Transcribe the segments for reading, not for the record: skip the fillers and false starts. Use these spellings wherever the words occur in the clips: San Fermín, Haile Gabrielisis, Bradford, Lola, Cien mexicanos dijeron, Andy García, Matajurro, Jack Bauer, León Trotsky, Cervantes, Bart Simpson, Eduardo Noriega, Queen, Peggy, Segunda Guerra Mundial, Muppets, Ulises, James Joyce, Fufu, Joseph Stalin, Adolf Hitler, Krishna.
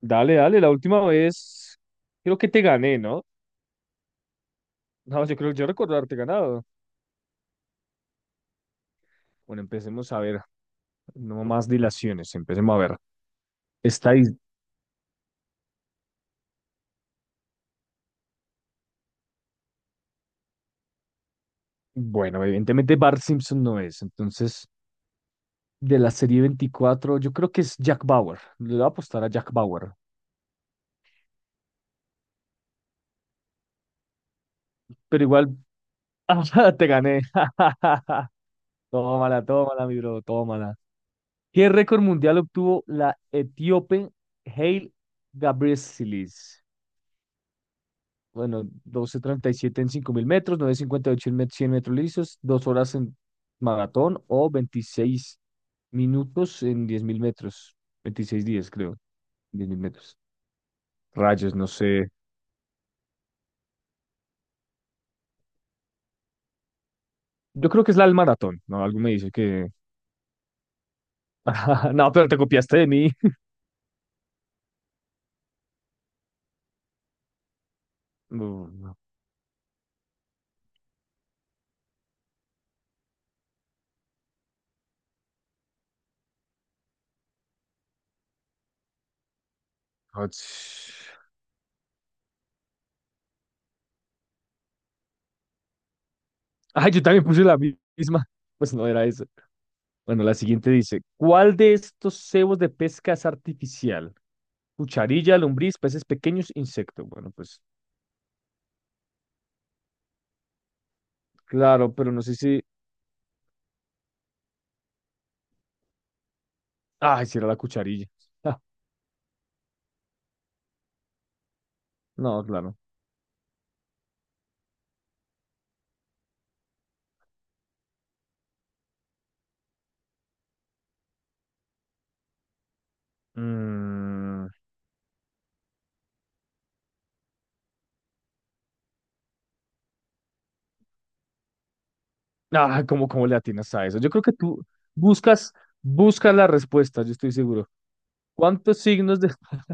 Dale, dale, la última vez creo que te gané, ¿no? No, yo creo que yo recordarte ganado. Bueno, empecemos a ver, no más dilaciones, empecemos a ver. Está ahí, bueno, evidentemente Bart Simpson no es, entonces de la serie 24 yo creo que es Jack Bauer. Le voy a apostar a Jack Bauer, pero igual ah, te gané. Tómala, tómala, mi bro, tómala. ¿Qué récord mundial obtuvo la etíope Haile Gabrielisis? Bueno, 12:37 en 5.000 metros, nueve cincuenta y ocho en 100 metros lisos, 2 horas en maratón o 26 minutos en 10.000 metros, 26 días creo, 10.000 metros. Rayos, no sé. Yo creo que es la del maratón, ¿no? Algo me dice que... No, pero te copiaste de mí. No, no. Ach. Ay, yo también puse la misma. Pues no era eso. Bueno, la siguiente dice, ¿cuál de estos cebos de pesca es artificial? Cucharilla, lombriz, peces pequeños, insecto. Bueno, pues claro, pero no sé si. Ay, si era la cucharilla. Ah, no, claro. Mm, Ah, ¿cómo le atinas a eso? Yo creo que tú buscas, buscas la respuesta, yo estoy seguro. ¿Cuántos signos de,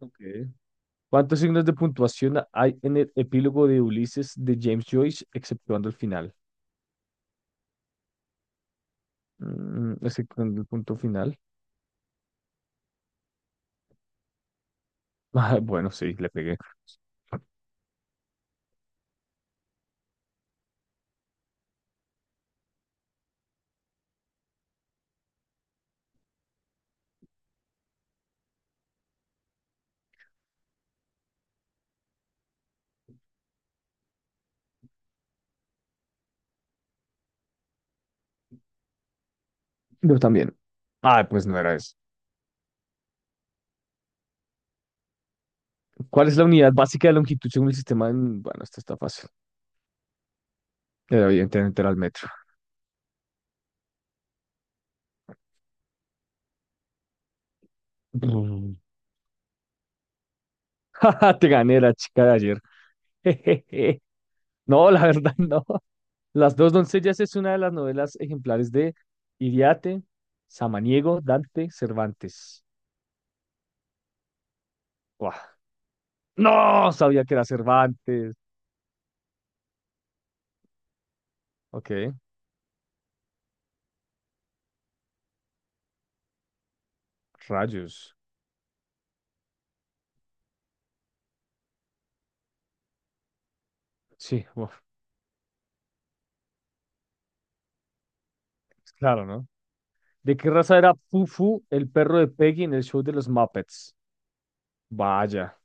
Ok. ¿Cuántos signos de puntuación hay en el epílogo de Ulises de James Joyce, exceptuando el final? Exceptuando el punto final. Ah, bueno, sí, le pegué. Yo también. Ah, pues no era eso. ¿Cuál es la unidad básica de longitud según el sistema? Bueno, esta está fácil. Era Evidentemente era el metro. Mm. Te gané la chica de ayer. No, la verdad no. Las dos doncellas es una de las novelas ejemplares de Iriarte, Samaniego, Dante, Cervantes. Buah. No, sabía que era Cervantes. Ok, rayos. Sí, buah, claro, ¿no? ¿De qué raza era Fufu, el perro de Peggy en el show de los Muppets? Vaya,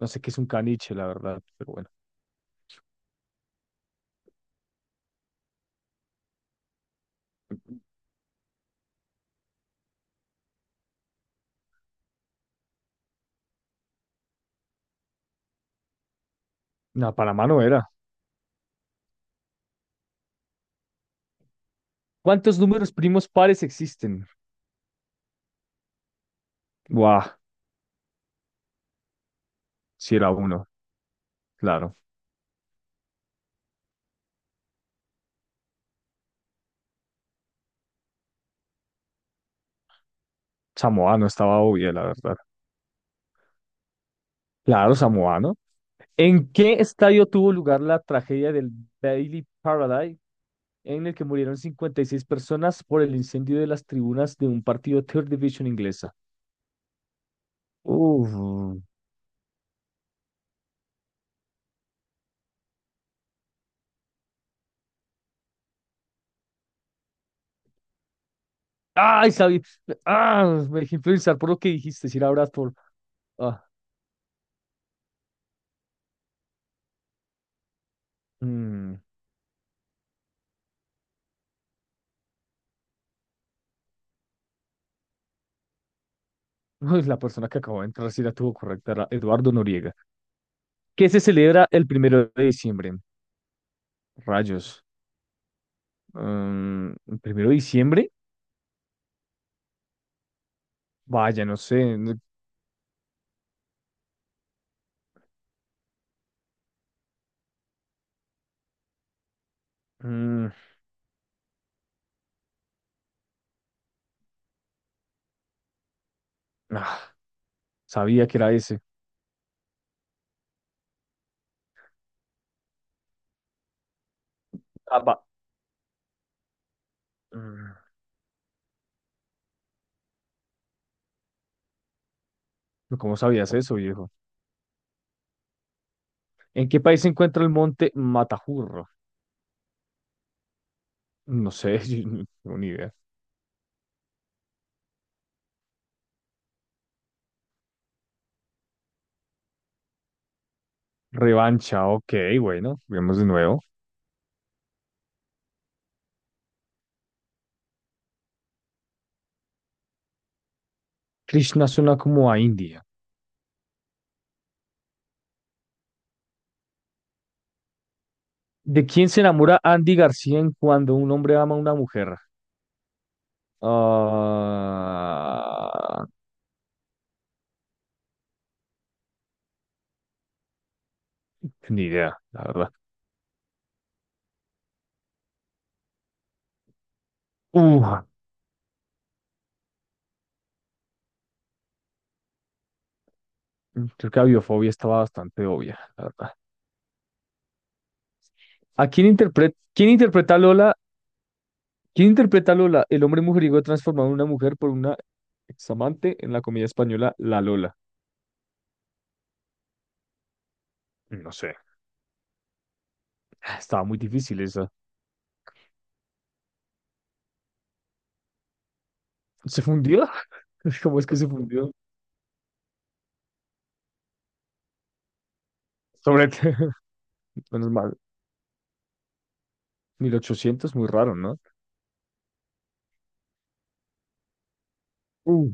no sé qué es un caniche, la verdad, pero bueno. No, Panamá no era. ¿Cuántos números primos pares existen? Buah, si era uno. Claro, Samoa no estaba obvia, la verdad. Claro, Samoa, ¿no? ¿En qué estadio tuvo lugar la tragedia del Bailey Paradise, en el que murieron 56 personas por el incendio de las tribunas de un partido Third Division inglesa? Uf. Ay, sabía. Ah, me dejé influenciar por lo que dijiste, si era Bradford. Ah, mm. Uy, la persona que acabó de entrar sí la tuvo correcta, era Eduardo Noriega. ¿Qué se celebra el 1 de diciembre? Rayos. ¿El 1 de diciembre? Vaya, no sé. Mm, ah, sabía que era ese. Ah, mm, ¿Cómo sabías eso, viejo? ¿En qué país se encuentra el monte Matajurro? No sé, yo no tengo ni idea. Revancha, ok, bueno, vemos de nuevo. Krishna suena como a India. ¿De quién se enamora Andy García en cuando un hombre ama a una mujer? Ah, ni idea, la verdad. Uh, Creo que la biofobia estaba bastante obvia, la verdad. ¿A quién interpreta a Lola ¿Quién interpreta a Lola, el hombre mujeriego transformado en una mujer por una examante en la comedia española La Lola? No sé. Ah, estaba muy difícil esa. ¿Se fundió? ¿Cómo es que se fundió? Sobre... Menos mal. 1800, muy raro, ¿no? Uh,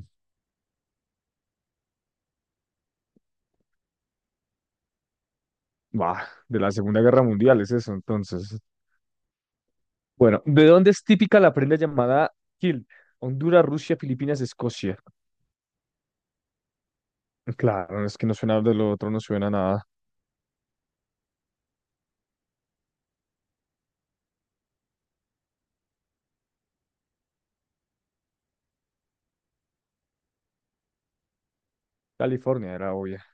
bah, de la Segunda Guerra Mundial es eso, entonces. Bueno, ¿de dónde es típica la prenda llamada kilt? Honduras, Rusia, Filipinas, Escocia. Claro, es que no suena de lo otro, no suena a nada. California era obvia.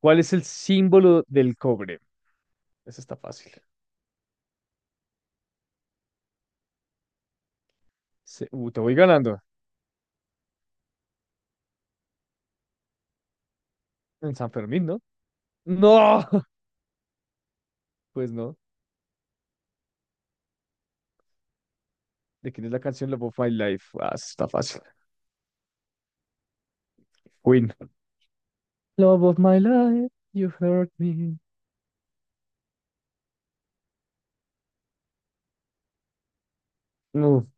¿Cuál es el símbolo del cobre? Eso está fácil. Te voy ganando. En San Fermín, ¿no? ¡No! Pues no. ¿De quién es la canción Love of My Life? Ah, eso está fácil. Queen. Love of my life, you hurt me. No,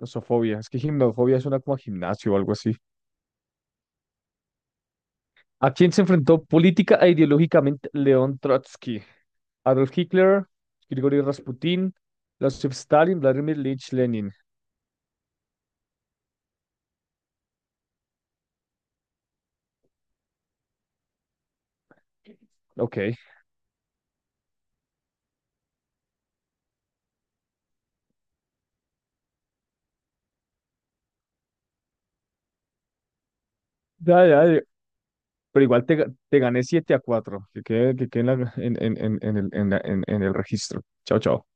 nosofobia. Es que gimnofobia suena como a gimnasio o algo así. ¿A quién se enfrentó política e ideológicamente León Trotsky? Adolf Hitler, Grigori Rasputin, Joseph Stalin, Vladimir Lich Lenin. Ok. Ya, ya. Pero igual te gané 7-4. Que quede en el registro. Chao, chao.